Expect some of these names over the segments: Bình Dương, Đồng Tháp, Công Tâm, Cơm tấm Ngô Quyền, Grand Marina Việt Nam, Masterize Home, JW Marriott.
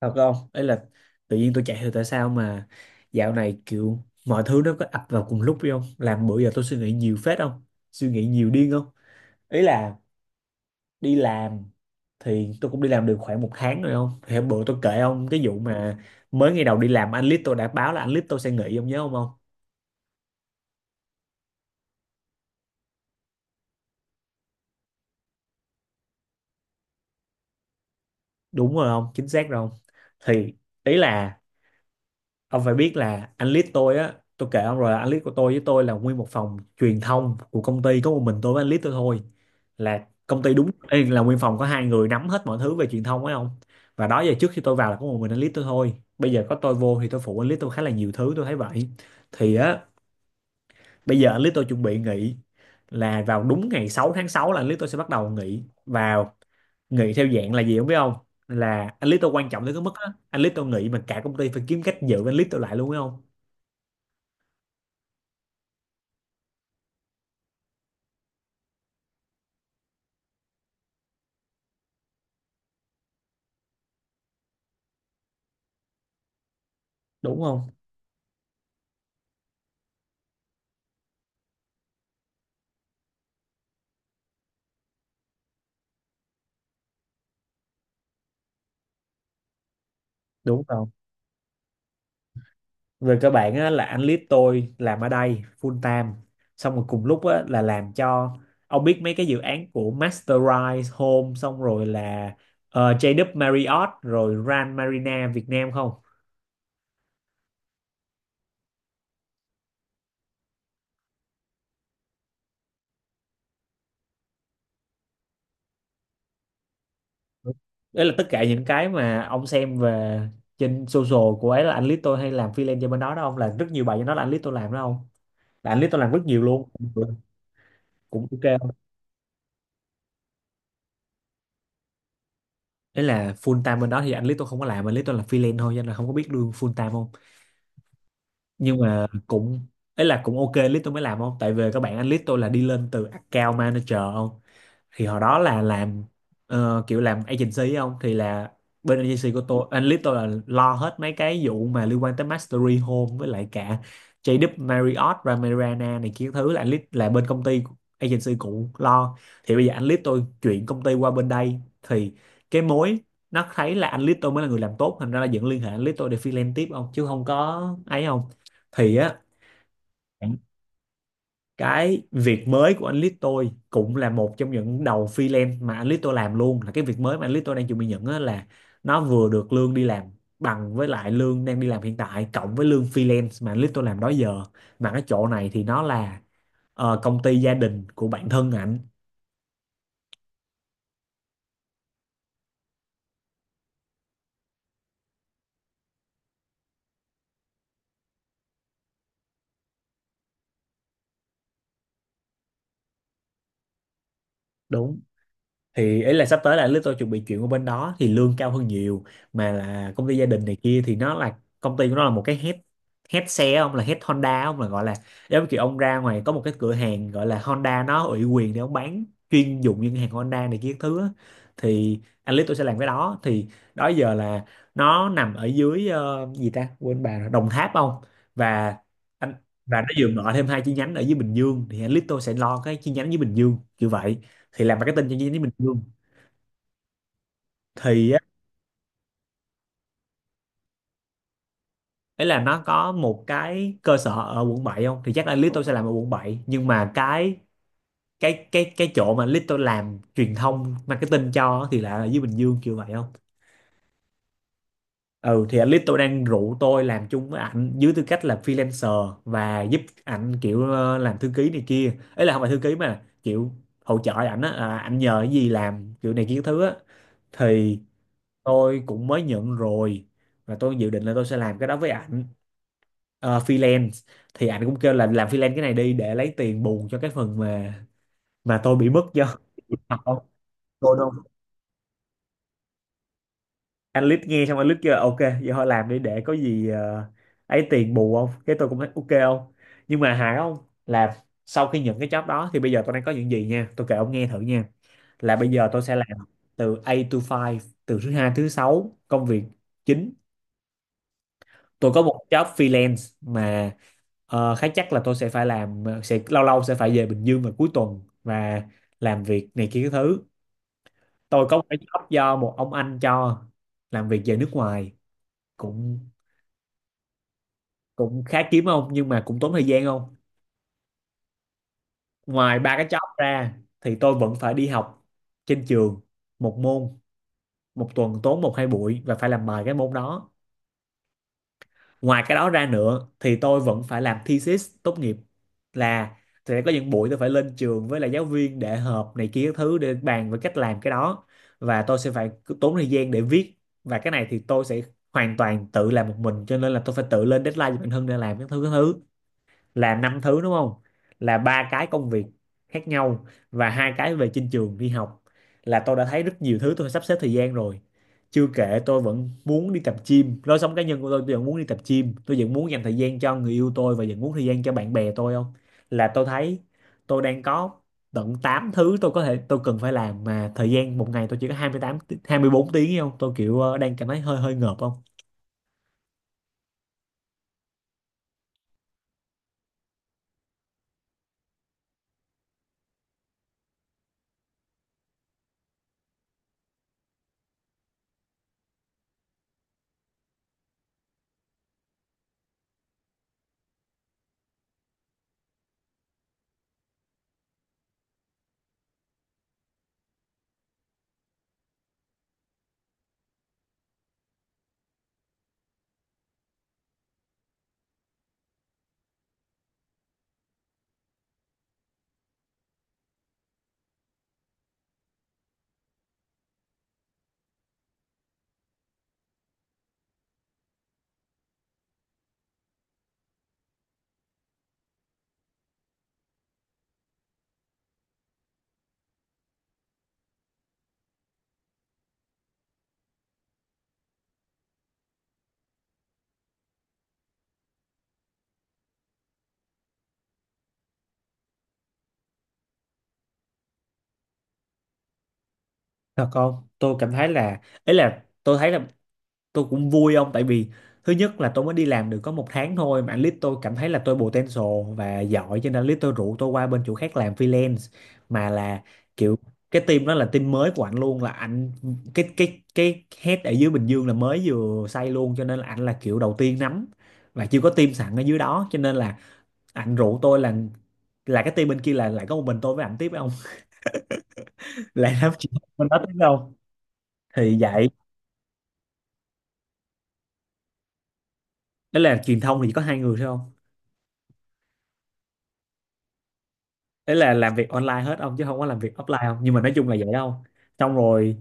Thật không, ấy là tự nhiên tôi chạy thì tại sao mà dạo này kiểu mọi thứ nó có ập vào cùng lúc phải không, làm bữa giờ tôi suy nghĩ nhiều phết không, suy nghĩ nhiều điên không. Ý là đi làm thì tôi cũng đi làm được khoảng một tháng rồi không, thì hôm bữa tôi kể ông cái vụ mà mới ngày đầu đi làm anh Lít tôi đã báo là anh Lít tôi sẽ nghỉ, ông nhớ không không? Đúng rồi không, chính xác rồi không. Thì ý là ông phải biết là anh lead tôi á, tôi kể ông rồi là anh lead của tôi với tôi là nguyên một phòng truyền thông của công ty, có một mình tôi với anh lead tôi thôi, là công ty đúng ê, là nguyên phòng có hai người nắm hết mọi thứ về truyền thông ấy không. Và đó giờ trước khi tôi vào là có một mình anh lead tôi thôi, bây giờ có tôi vô thì tôi phụ anh lead tôi khá là nhiều thứ tôi thấy vậy. Thì á, bây giờ anh lead tôi chuẩn bị nghỉ, là vào đúng ngày 6 tháng 6 là anh lead tôi sẽ bắt đầu nghỉ vào, nghỉ theo dạng là gì không biết không, là anh lead tôi quan trọng tới cái mức á, anh lead tôi nghỉ mà cả công ty phải kiếm cách giữ anh lead tôi lại luôn ấy không. Đúng không, đúng không, về cơ bản á, là anh lead tôi làm ở đây full time, xong rồi cùng lúc á, là làm cho ông biết mấy cái dự án của Masterize Home, xong rồi là JW Marriott rồi Grand Marina Việt Nam không. Đúng. Đấy là tất cả những cái mà ông xem về trên social của ấy, là anh lead tôi hay làm freelance cho bên đó đó không, là rất nhiều bài cho nó là anh lead tôi làm đó không, là anh lead tôi làm rất nhiều luôn cũng. Cũng ok không? Đấy là full time bên đó thì anh lead tôi không có làm, anh lead tôi là freelance thôi, cho nên là không có biết lương full time không, nhưng mà cũng, ấy là cũng ok list tôi mới làm không, tại vì các bạn anh list tôi là đi lên từ account manager không. Thì hồi đó là làm kiểu làm agency không, thì là bên agency của tôi, analyst tôi là lo hết mấy cái vụ mà liên quan tới Mastery Home với lại cả JW Marriott Ramirana này kia thứ, là analyst là bên công ty agency cũ lo. Thì bây giờ analyst tôi chuyển công ty qua bên đây thì cái mối nó thấy là analyst tôi mới là người làm tốt, thành ra là vẫn liên hệ analyst tôi để freelance tiếp không, chứ không có ấy không. Thì á, cái việc mới của anh Lít tôi cũng là một trong những đầu freelance mà anh Lít tôi làm luôn, là cái việc mới mà anh Lít tôi đang chuẩn bị nhận á, là nó vừa được lương đi làm bằng với lại lương đang đi làm hiện tại cộng với lương freelance mà anh Lít tôi làm đó giờ, mà cái chỗ này thì nó là công ty gia đình của bản thân ảnh. Đúng, thì ý là sắp tới là anh Lít tôi chuẩn bị chuyển qua bên đó thì lương cao hơn nhiều, mà là công ty gia đình này kia thì nó là công ty của nó là một cái head, head xe ông, là head Honda ông, là gọi là giống như kiểu ông ra ngoài có một cái cửa hàng gọi là Honda nó ủy quyền để ông bán chuyên dụng những hàng Honda này kia các thứ á. Thì anh Lít tôi sẽ làm cái đó, thì đó giờ là nó nằm ở dưới gì ta quên bà rồi, Đồng Tháp không. Và anh và nó vừa mở thêm hai chi nhánh ở dưới Bình Dương, thì anh Lít tôi sẽ lo cái chi nhánh dưới Bình Dương kiểu vậy, thì làm marketing cho những bình dương. Thì á, ấy là nó có một cái cơ sở ở quận 7 không, thì chắc là Lito sẽ làm ở quận bảy, nhưng mà cái chỗ mà Lito làm truyền thông marketing cho á, thì lại là dưới Bình Dương kiểu vậy không. Ừ thì anh Lito đang rủ tôi làm chung với ảnh dưới tư cách là freelancer và giúp ảnh kiểu làm thư ký này kia, ấy là không phải thư ký mà kiểu hỗ trợ ảnh á, à, ảnh nhờ cái gì làm kiểu này kia cái thứ á. Thì tôi cũng mới nhận rồi, và tôi dự định là tôi sẽ làm cái đó với ảnh ờ, freelance. Thì anh cũng kêu là làm freelance cái này đi để lấy tiền bù cho cái phần mà tôi bị mất do học cô đâu. Anh lít nghe xong anh lít kêu là, ok vậy thôi làm đi để có gì ấy tiền bù không, cái tôi cũng thấy ok không. Nhưng mà hài không, là sau khi nhận cái job đó thì bây giờ tôi đang có những gì nha, tôi kể ông nghe thử nha. Là bây giờ tôi sẽ làm từ A to Five, từ thứ hai tới thứ sáu công việc chính. Tôi có một job freelance mà khá chắc là tôi sẽ phải làm, sẽ lâu lâu sẽ phải về Bình Dương vào cuối tuần và làm việc này kia cái thứ. Tôi có một cái job do một ông anh cho làm việc về nước ngoài, cũng cũng khá kiếm không nhưng mà cũng tốn thời gian không. Ngoài ba cái job ra thì tôi vẫn phải đi học trên trường một môn, một tuần tốn một hai buổi và phải làm bài cái môn đó. Ngoài cái đó ra nữa thì tôi vẫn phải làm thesis tốt nghiệp, là sẽ có những buổi tôi phải lên trường với là giáo viên để họp này kia các thứ để bàn về cách làm cái đó, và tôi sẽ phải cứ tốn thời gian để viết, và cái này thì tôi sẽ hoàn toàn tự làm một mình cho nên là tôi phải tự lên deadline cho bản thân để làm các thứ các thứ. Là năm thứ đúng không, là ba cái công việc khác nhau và hai cái về trên trường đi học, là tôi đã thấy rất nhiều thứ tôi sắp xếp thời gian rồi. Chưa kể tôi vẫn muốn đi tập gym, lối sống cá nhân của tôi vẫn muốn đi tập gym, tôi vẫn muốn dành thời gian cho người yêu tôi và vẫn muốn thời gian cho bạn bè tôi không. Là tôi thấy tôi đang có tận 8 thứ tôi có thể tôi cần phải làm, mà thời gian một ngày tôi chỉ có 24 tiếng ấy không, tôi kiểu đang cảm thấy hơi hơi ngợp không. Thật không, tôi cảm thấy là ấy là tôi thấy là tôi cũng vui ông, tại vì thứ nhất là tôi mới đi làm được có một tháng thôi mà anh lít tôi cảm thấy là tôi potential và giỏi, cho nên anh lít tôi rủ tôi qua bên chỗ khác làm freelance, mà là kiểu cái team đó là team mới của anh luôn, là anh cái head ở dưới Bình Dương là mới vừa xây luôn cho nên là anh là kiểu đầu tiên nắm, và chưa có team sẵn ở dưới đó cho nên là anh rủ tôi là cái team bên kia là lại có một mình tôi với ảnh tiếp với ông lại làm chuyện bên đó tiếp đâu. Thì vậy, đó là truyền thông thì chỉ có hai người thôi không, ấy là làm việc online hết ông chứ không có làm việc offline không, nhưng mà nói chung là vậy không. Xong rồi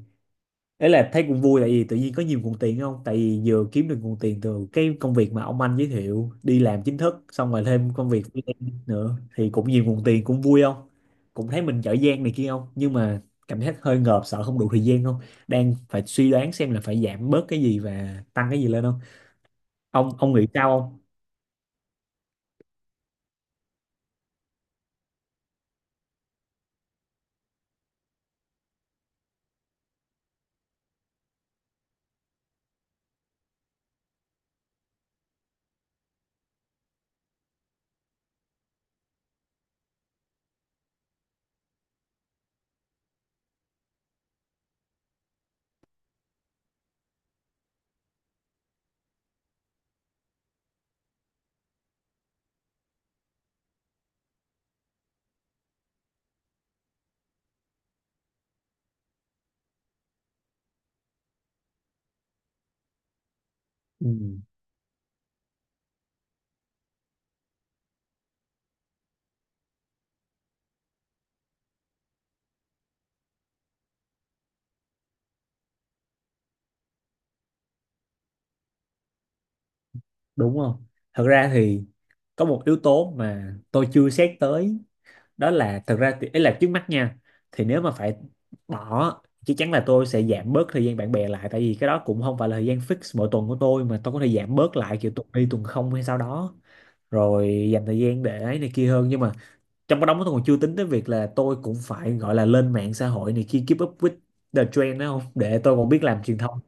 ấy là thấy cũng vui tại vì tự nhiên có nhiều nguồn tiền không, tại vì vừa kiếm được nguồn tiền từ cái công việc mà ông anh giới thiệu đi làm chính thức, xong rồi thêm công việc freelance nữa thì cũng nhiều nguồn tiền cũng vui không, cũng thấy mình giỏi giang này kia không. Nhưng mà cảm giác hơi ngợp, sợ không đủ thời gian không, đang phải suy đoán xem là phải giảm bớt cái gì và tăng cái gì lên không. Ông ông nghĩ sao không? Ừ, đúng không. Thật ra thì có một yếu tố mà tôi chưa xét tới, đó là thật ra thì ấy là trước mắt nha, thì nếu mà phải bỏ chắc chắn là tôi sẽ giảm bớt thời gian bạn bè lại, tại vì cái đó cũng không phải là thời gian fix mỗi tuần của tôi mà tôi có thể giảm bớt lại kiểu tuần đi tuần không hay sao đó, rồi dành thời gian để ấy này kia hơn. Nhưng mà trong cái đó tôi còn chưa tính tới việc là tôi cũng phải gọi là lên mạng xã hội này kia keep up with the trend đó không, để tôi còn biết làm truyền thông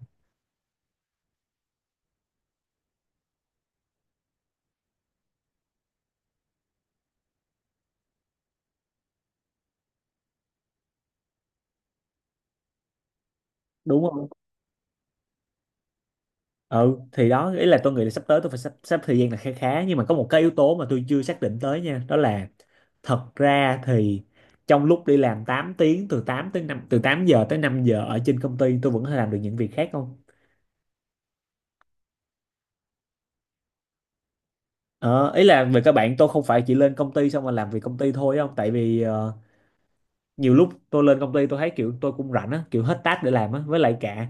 đúng không. Ừ thì đó, ý là tôi nghĩ là sắp tới tôi phải sắp sắp thời gian là khá khá, nhưng mà có một cái yếu tố mà tôi chưa xác định tới nha, đó là thật ra thì trong lúc đi làm 8 tiếng từ 8 tới năm, từ 8 giờ tới 5 giờ ở trên công ty, tôi vẫn có thể làm được những việc khác không. Ờ, Ý là về các bạn tôi không phải chỉ lên công ty xong rồi làm việc công ty thôi không, tại vì nhiều lúc tôi lên công ty tôi thấy kiểu tôi cũng rảnh á, kiểu hết task để làm á, với lại cả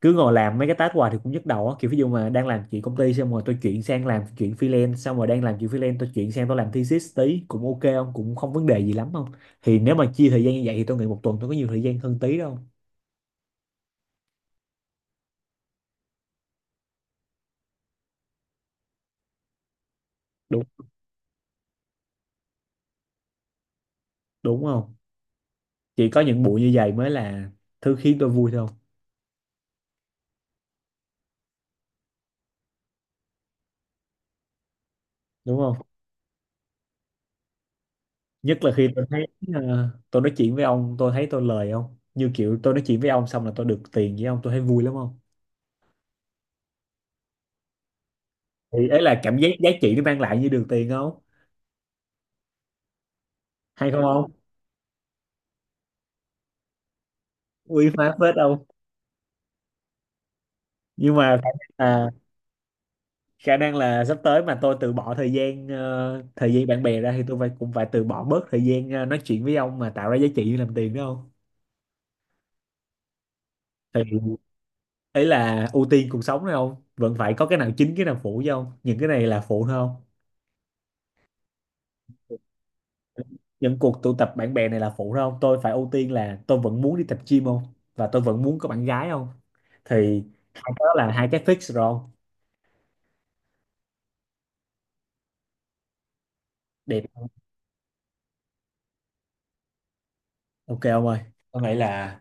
cứ ngồi làm mấy cái task hoài thì cũng nhức đầu á, kiểu ví dụ mà đang làm chuyện công ty xong rồi tôi chuyển sang làm chuyện freelance, xong rồi đang làm chuyện freelance tôi chuyển sang tôi làm thesis tí cũng ok không, cũng không vấn đề gì lắm không. Thì nếu mà chia thời gian như vậy thì tôi nghĩ một tuần tôi có nhiều thời gian hơn tí đâu. Đúng, đúng không, chỉ có những buổi như vậy mới là thứ khiến tôi vui thôi. Đúng không, nhất là khi tôi thấy tôi nói chuyện với ông tôi thấy tôi lời không, như kiểu tôi nói chuyện với ông xong là tôi được tiền với ông, tôi thấy vui lắm không. Thì ấy là cảm giác giá trị nó mang lại như đường tiền không. Hay không không, uy phá phết không. Nhưng mà khả năng là sắp tới mà tôi từ bỏ thời gian thời gian bạn bè ra thì tôi phải cũng phải từ bỏ bớt thời gian nói chuyện với ông mà tạo ra giá trị như làm tiền đúng không. Thì ấy là ưu tiên cuộc sống đấy không, vẫn phải có cái nào chính cái nào phụ chứ không, những cái này là phụ thôi không. Những cuộc tụ tập bạn bè này là phụ thôi không, tôi phải ưu tiên là tôi vẫn muốn đi tập gym không, và tôi vẫn muốn có bạn gái không. Thì hai cái đó là hai cái fix rồi không? Đẹp. Ok ông ơi, có nghĩ là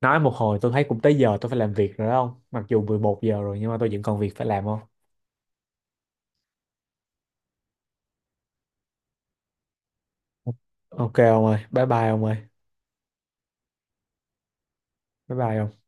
nói một hồi tôi thấy cũng tới giờ tôi phải làm việc rồi đó ông. Mặc dù 11 giờ rồi nhưng mà tôi vẫn còn việc phải làm không? Ok ông ơi, bye bye ông ơi, bye bye ông.